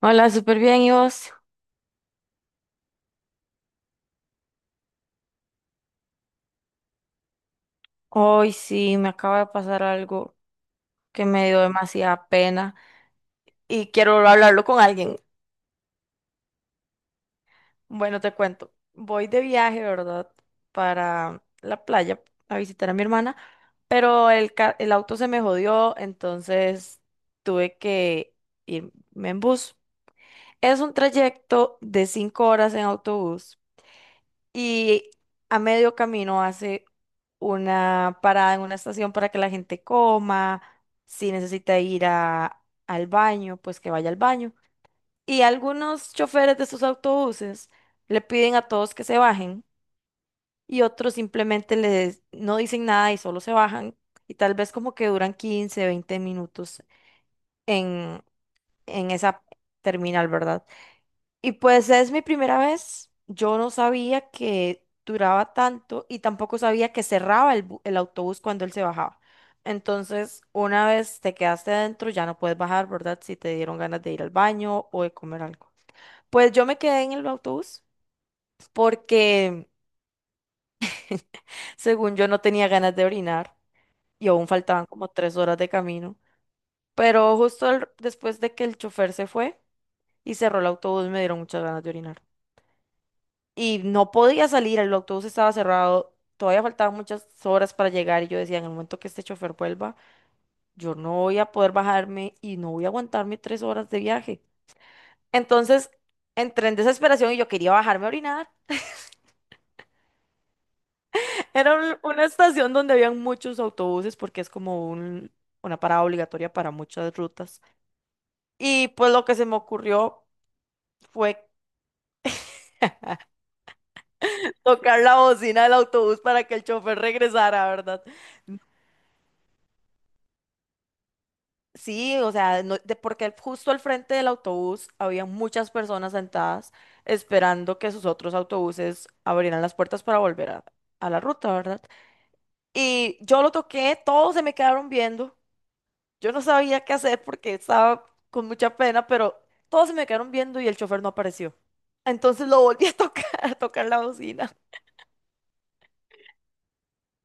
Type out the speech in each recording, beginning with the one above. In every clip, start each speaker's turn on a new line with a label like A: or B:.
A: Hola, súper bien, ¿y vos? Hoy sí, me acaba de pasar algo que me dio demasiada pena y quiero hablarlo con alguien. Bueno, te cuento. Voy de viaje, ¿verdad? Para la playa a visitar a mi hermana, pero el auto se me jodió, entonces tuve que irme en bus. Es un trayecto de 5 horas en autobús y a medio camino hace una parada en una estación para que la gente coma, si necesita ir al baño, pues que vaya al baño. Y algunos choferes de estos autobuses le piden a todos que se bajen y otros simplemente les no dicen nada y solo se bajan y tal vez como que duran 15, 20 minutos en, en esa terminal, ¿verdad? Y pues es mi primera vez. Yo no sabía que duraba tanto y tampoco sabía que cerraba el autobús cuando él se bajaba. Entonces, una vez te quedaste dentro, ya no puedes bajar, ¿verdad? Si te dieron ganas de ir al baño o de comer algo. Pues yo me quedé en el autobús porque, según yo, no tenía ganas de orinar y aún faltaban como 3 horas de camino. Pero justo después de que el chofer se fue y cerró el autobús, me dieron muchas ganas de orinar. Y no podía salir, el autobús estaba cerrado, todavía faltaban muchas horas para llegar y yo decía, en el momento que este chofer vuelva, yo no voy a poder bajarme y no voy a aguantarme 3 horas de viaje. Entonces, entré en desesperación y yo quería bajarme a orinar. Era una estación donde habían muchos autobuses porque es como un, una parada obligatoria para muchas rutas. Y pues lo que se me ocurrió fue tocar la bocina del autobús para que el chofer regresara, ¿verdad? Sí, o sea, porque justo al frente del autobús había muchas personas sentadas esperando que sus otros autobuses abrieran las puertas para volver a la ruta, ¿verdad? Y yo lo toqué, todos se me quedaron viendo. Yo no sabía qué hacer porque estaba con mucha pena, pero todos se me quedaron viendo y el chofer no apareció. Entonces lo volví a tocar, a tocar la bocina.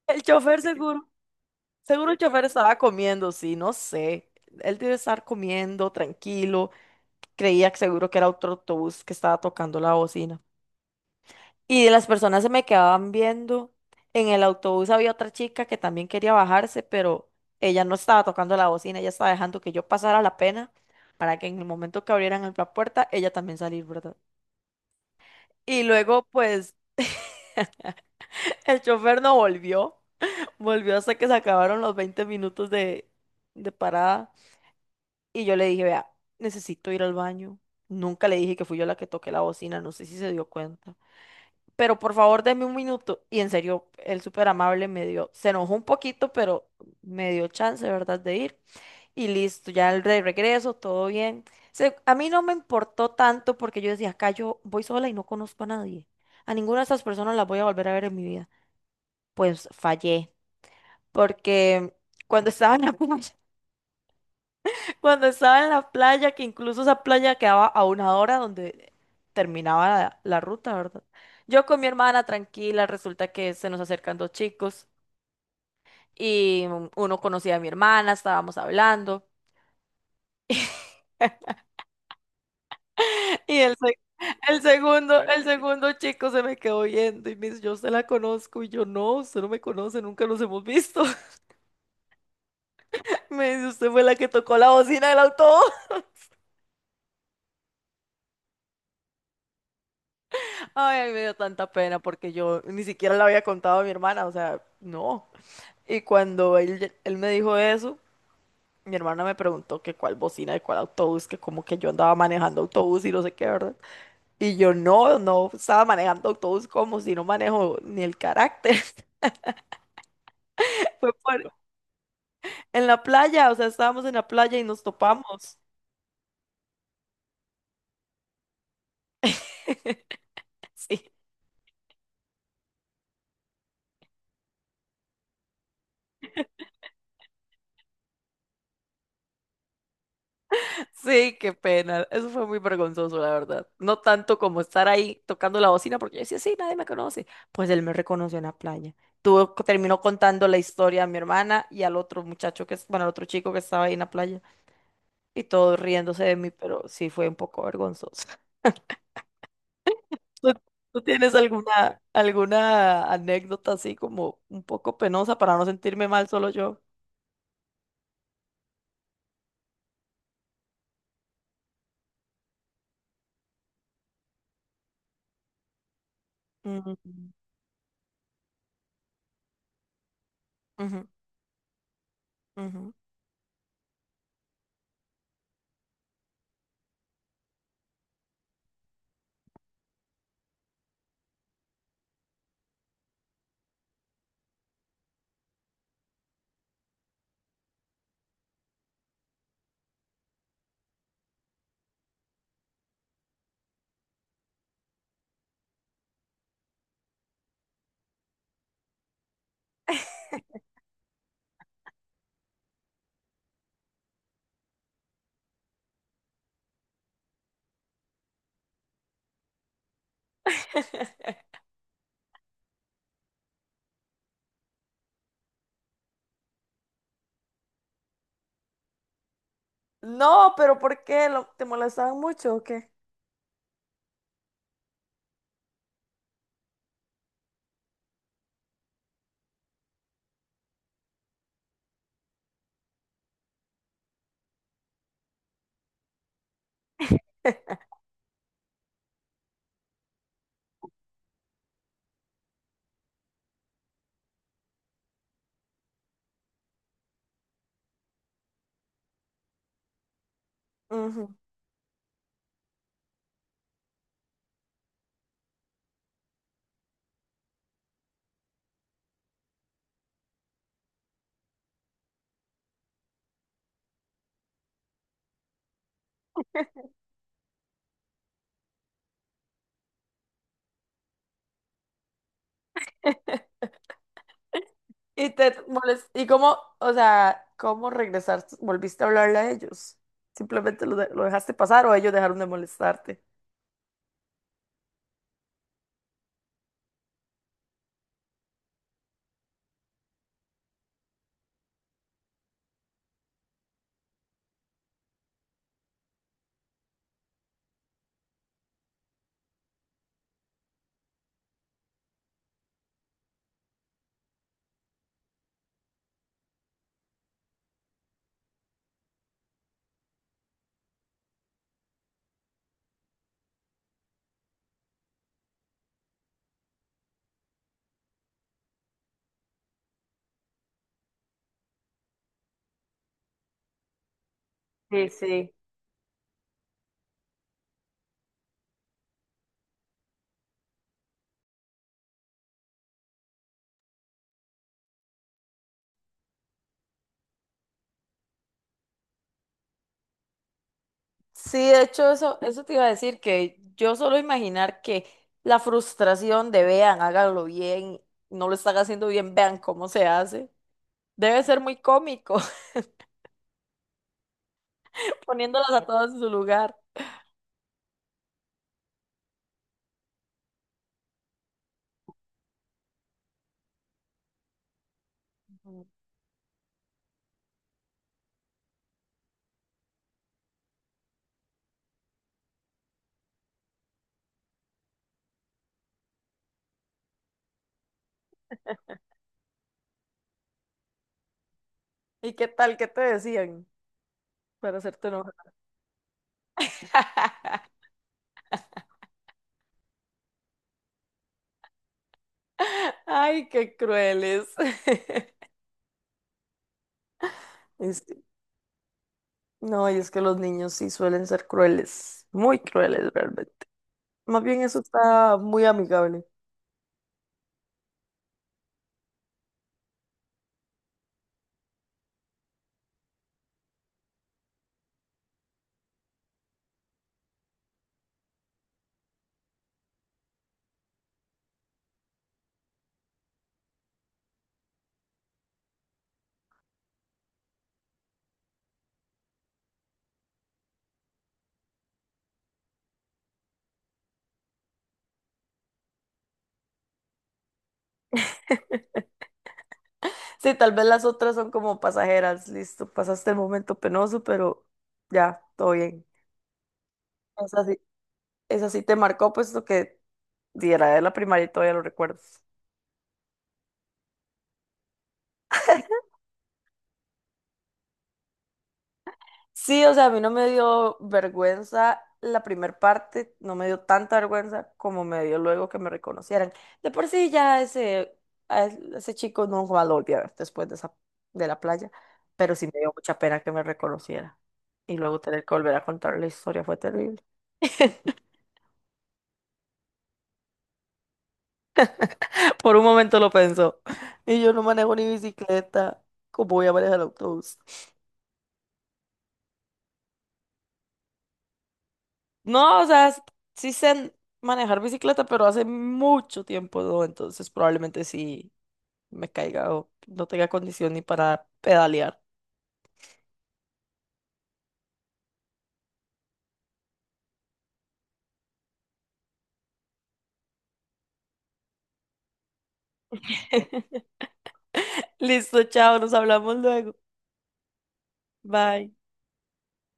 A: El chofer seguro, seguro el chofer estaba comiendo, sí, no sé. Él debe estar comiendo, tranquilo. Creía que seguro que era otro autobús que estaba tocando la bocina. Y las personas se me quedaban viendo. En el autobús había otra chica que también quería bajarse, pero ella no estaba tocando la bocina, ella estaba dejando que yo pasara la pena para que en el momento que abrieran la puerta, ella también saliera, ¿verdad? Y luego, pues, el chofer no volvió, volvió hasta que se acabaron los 20 minutos de parada. Y yo le dije, vea, necesito ir al baño. Nunca le dije que fui yo la que toqué la bocina, no sé si se dio cuenta. Pero por favor deme un minuto. Y en serio, el súper amable me dio, se enojó un poquito, pero me dio chance, ¿verdad?, de ir. Y listo, ya el de regreso, todo bien. A mí no me importó tanto porque yo decía, acá yo voy sola y no conozco a nadie. A ninguna de esas personas las voy a volver a ver en mi vida. Pues fallé, porque cuando estaba en la playa, cuando estaba en la playa, que incluso esa playa quedaba a una hora donde terminaba la ruta, ¿verdad? Yo con mi hermana tranquila, resulta que se nos acercan dos chicos y uno conocía a mi hermana, estábamos hablando. Y el, se- el segundo chico se me quedó viendo y me dice, yo usted la conozco y yo no, usted no me conoce, nunca nos hemos visto. Me dice, usted fue la que tocó la bocina del autobús. Ay, me dio tanta pena porque yo ni siquiera le había contado a mi hermana, o sea, no. Y cuando él me dijo eso, mi hermana me preguntó que cuál bocina y cuál autobús, que como que yo andaba manejando autobús y no sé qué, ¿verdad? Y yo no estaba manejando autobús como si no manejo ni el carácter. Fue por- en la playa, o sea, estábamos en la playa y nos topamos. Sí. Sí, qué pena. Eso fue muy vergonzoso, la verdad. No tanto como estar ahí tocando la bocina, porque yo decía, sí, nadie me conoce. Pues él me reconoció en la playa. Terminó contando la historia a mi hermana y al otro muchacho que, bueno, al otro chico que estaba ahí en la playa. Y todos riéndose de mí, pero sí fue un poco vergonzoso. ¿Tú, tú tienes alguna anécdota así como un poco penosa para no sentirme mal solo yo? Ujú, ujú, ujú. No, pero ¿por qué? Te molestaban mucho o qué? Y ¿Y cómo, o sea, cómo regresar? ¿Volviste a hablarle a ellos? ¿Simplemente lo dejaste pasar o ellos dejaron de molestarte? Sí, sí. Sí, de hecho, eso te iba a decir que yo solo imaginar que la frustración de vean, háganlo bien, no lo están haciendo bien, vean cómo se hace, debe ser muy cómico, poniéndolas a todas en su lugar. Ujú. ¿Y qué tal? ¿Qué te decían para hacerte enojar? Ay, qué crueles. Es. No, y es que los niños sí suelen ser crueles, muy crueles realmente. Más bien eso está muy amigable. Sí, tal vez las otras son como pasajeras, listo, pasaste el momento penoso, pero ya, todo bien. Esa sí, esa sí te marcó, pues lo que diera de la primaria y todavía lo recuerdo. Sí, o sea, a mí no me dio vergüenza la primer parte, no me dio tanta vergüenza como me dio luego que me reconocieran. De por sí ya ese, a ese chico no va a lo volví a ver después de esa, de la playa, pero sí me dio mucha pena que me reconociera. Y luego tener que volver a contar la historia fue terrible. Por un momento lo pensó. Y yo no manejo ni bicicleta, ¿cómo voy a manejar el autobús? No, o sea, sí sé manejar bicicleta, pero hace mucho tiempo no, entonces probablemente sí me caiga o no tenga condición ni para pedalear. Listo, chao, nos hablamos luego. Bye.